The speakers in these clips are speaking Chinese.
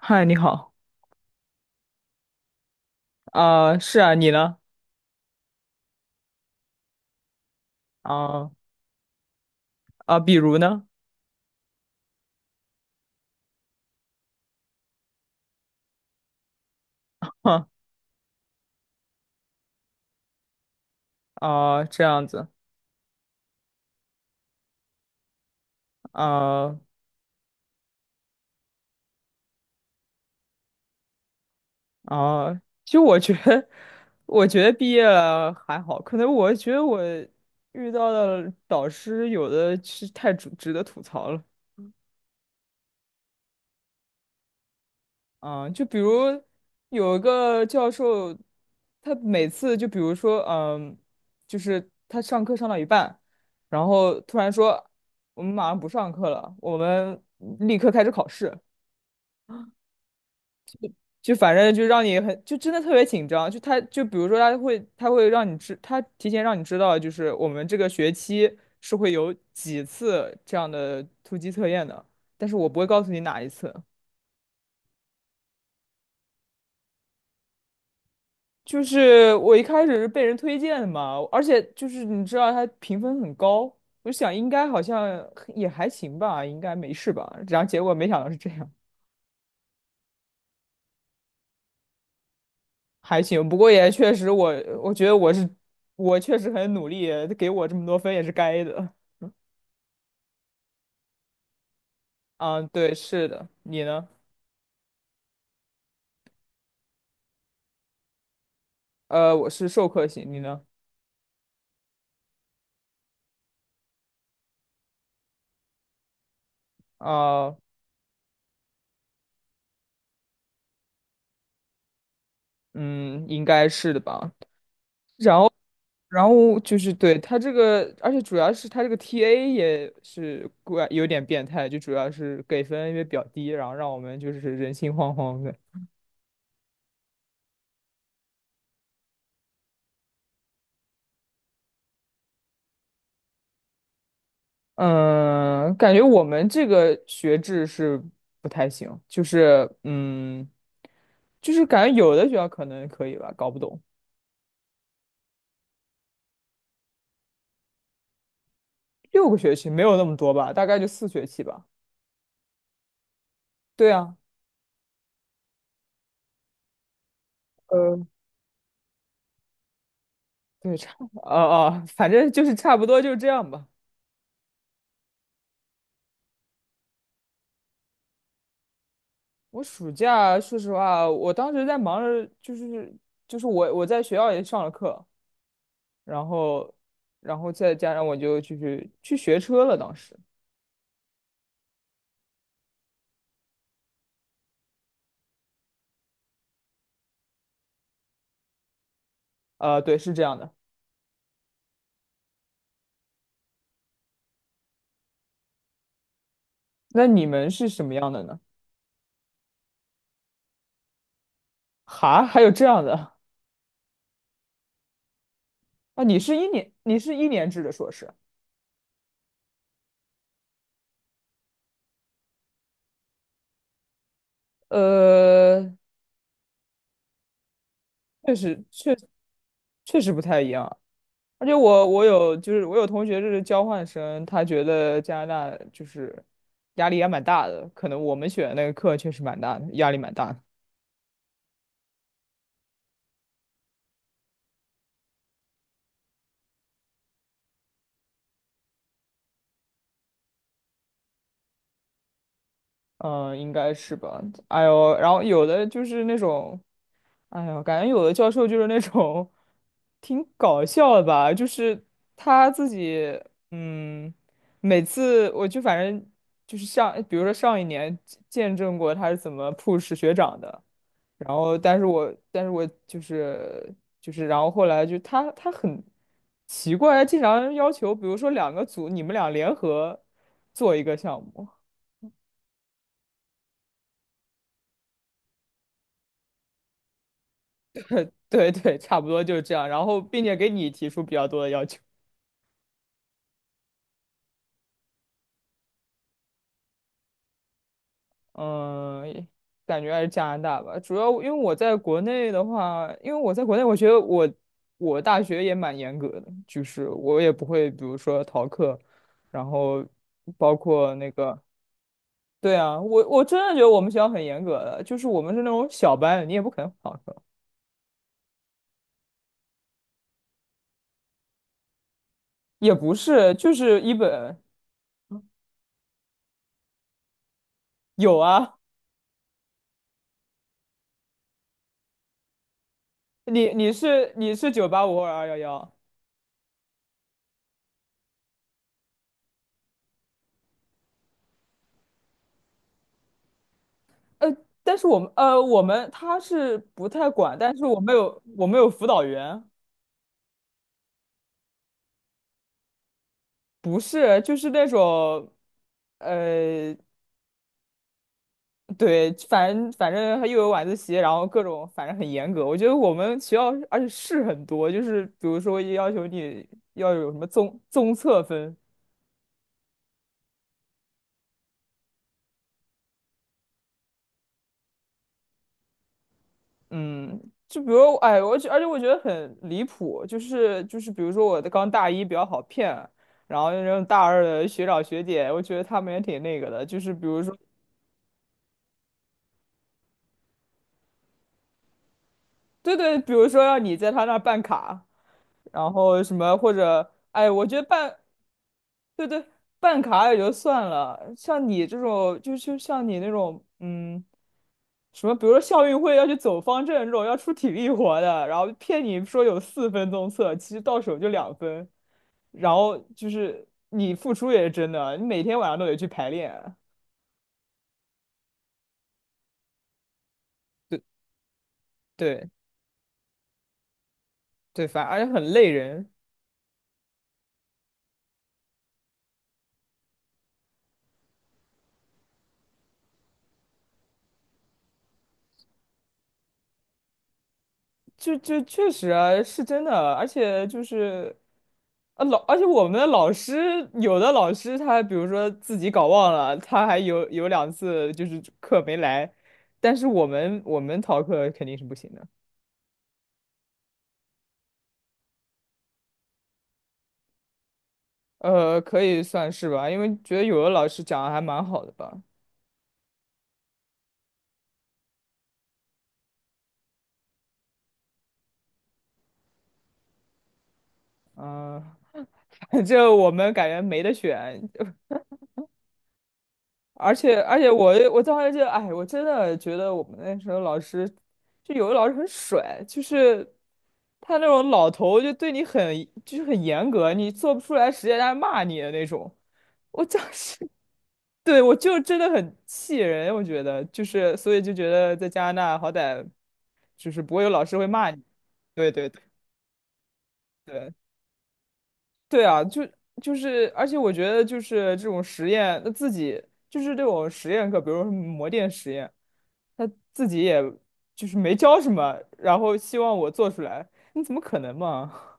嗨，你好。是啊，你呢？啊、比如呢？哼。这样子。啊、啊、就我觉得，我觉得毕业了还好，可能我觉得我遇到的导师有的是太值得吐槽了。就比如有一个教授，他每次就比如说，就是他上课上到一半，然后突然说，我们马上不上课了，我们立刻开始考试。就反正就让你很，就真的特别紧张。就比如说他会让你知，他提前让你知道，就是我们这个学期是会有几次这样的突击测验的，但是我不会告诉你哪一次。就是我一开始是被人推荐的嘛，而且就是你知道他评分很高，我就想应该好像也还行吧，应该没事吧。然后结果没想到是这样。还行。不过也确实我，我觉得我是我确实很努力，给我这么多分也是该的。嗯，对，是的，你呢？呃，我是授课型，你呢？啊。嗯，应该是的吧。然后就是对他这个，而且主要是他这个 TA 也是怪有点变态，就主要是给分因为比较低，然后让我们就是人心惶惶的。嗯，感觉我们这个学制是不太行，就是感觉有的学校可能可以吧，搞不懂。六个学期没有那么多吧，大概就四学期吧。对啊。呃对，差不多。哦哦，反正就是差不多就是这样吧。我暑假，说实话，我当时在忙着，就是我在学校也上了课，然后然后再加上去学车了。当时，呃，对，是这样的。那你们是什么样的呢？哈，还有这样的？啊？你是一年制的硕士？呃，确实，确实不太一样。而且我有同学就是交换生，他觉得加拿大就是压力也蛮大的，可能我们选的那个课确实蛮大的，压力蛮大的。嗯，应该是吧。哎呦，然后有的就是那种，哎呦，感觉有的教授就是那种挺搞笑的吧，就是他自己，嗯，每次我就反正就是像，比如说上一年见证过他是怎么 push 学长的。然后，但是我就是然后后来就他很奇怪，经常要求，比如说两个组，你们俩联合做一个项目。对对，差不多就是这样。然后，并且给你提出比较多的要求。嗯，也感觉还是加拿大吧。主要因为我在国内的话，因为我在国内，我觉得我我大学也蛮严格的，就是我也不会，比如说逃课，然后包括那个。对啊，我真的觉得我们学校很严格的，就是我们是那种小班，你也不可能旷课。也不是，就是一本。有啊。你是九八五或者二幺幺？呃，但是我们他是不太管，但是我们有辅导员。不是就是那种，呃，对，反正又有晚自习，然后各种反正很严格，我觉得我们学校而且事很多，就是比如说要求你要有什么综测分。嗯，就比如，哎，而且我觉得很离谱，比如说我的刚大一比较好骗，然后那种大二的学长学姐，我觉得他们也挺那个的，就是比如说，对对，比如说让你在他那儿办卡，然后什么或者，哎，我觉得办，对对，办卡也就算了，像你这种，就像你那种，嗯，什么，比如说校运会要去走方阵这种要出体力活的，然后骗你说有四分钟测，其实到手就两分。然后就是你付出也是真的啊，你每天晚上都得去排练。对对对。反而且很累人。就确实啊，是真的啊，而且就是而且我们的老师有的老师他比如说自己搞忘了，他还有两次就是课没来，但是我们逃课肯定是不行的。呃，可以算是吧，因为觉得有的老师讲的还蛮好的吧。嗯、反我们感觉没得选，而且而且我我当时就哎，我真的觉得我们那时候老师，就有的老师很甩，就是他那种老头就对你很就是很严格，你做不出来实验他还骂你的那种。我当时 对我就真的很气人，我觉得就是所以就觉得在加拿大好歹就是不会有老师会骂你。对对对对。对啊，而且我觉得就是这种实验，那自己就是这种实验课，比如说模电实验，他自己也就是没教什么，然后希望我做出来，你怎么可能嘛？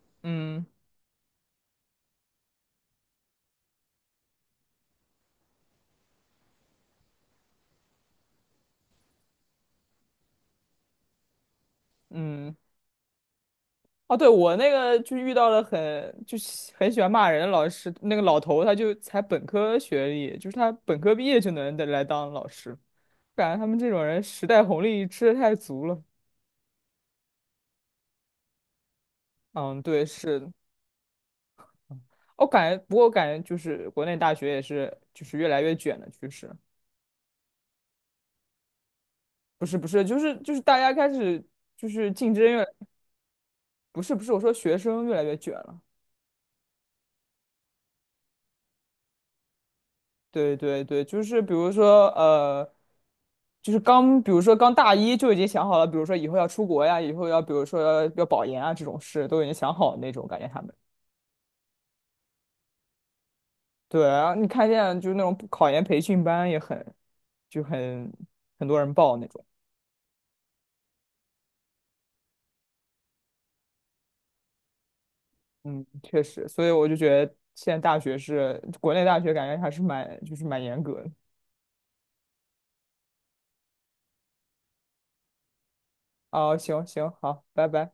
嗯嗯。哦，对，我那个就遇到了很就是很喜欢骂人的老师，那个老头他就才本科学历，就是他本科毕业就能来当老师，感觉他们这种人时代红利吃的太足了。嗯，对，是。我感觉，不过我感觉就是国内大学也是，就是越来越卷的趋势。不是不是，就是就是大家开始就是竞争越，不是不是，我说学生越来越卷了。对对对，就是比如说呃，就是刚比如说刚大一就已经想好了，比如说以后要出国呀，以后要比如说要保研啊这种事都已经想好了那种，感觉他们。对啊，你看现在就是那种考研培训班也很很多人报那种。嗯，确实，所以我就觉得现在大学是国内大学，感觉还是蛮就是蛮严格的。哦，行行，好，拜拜。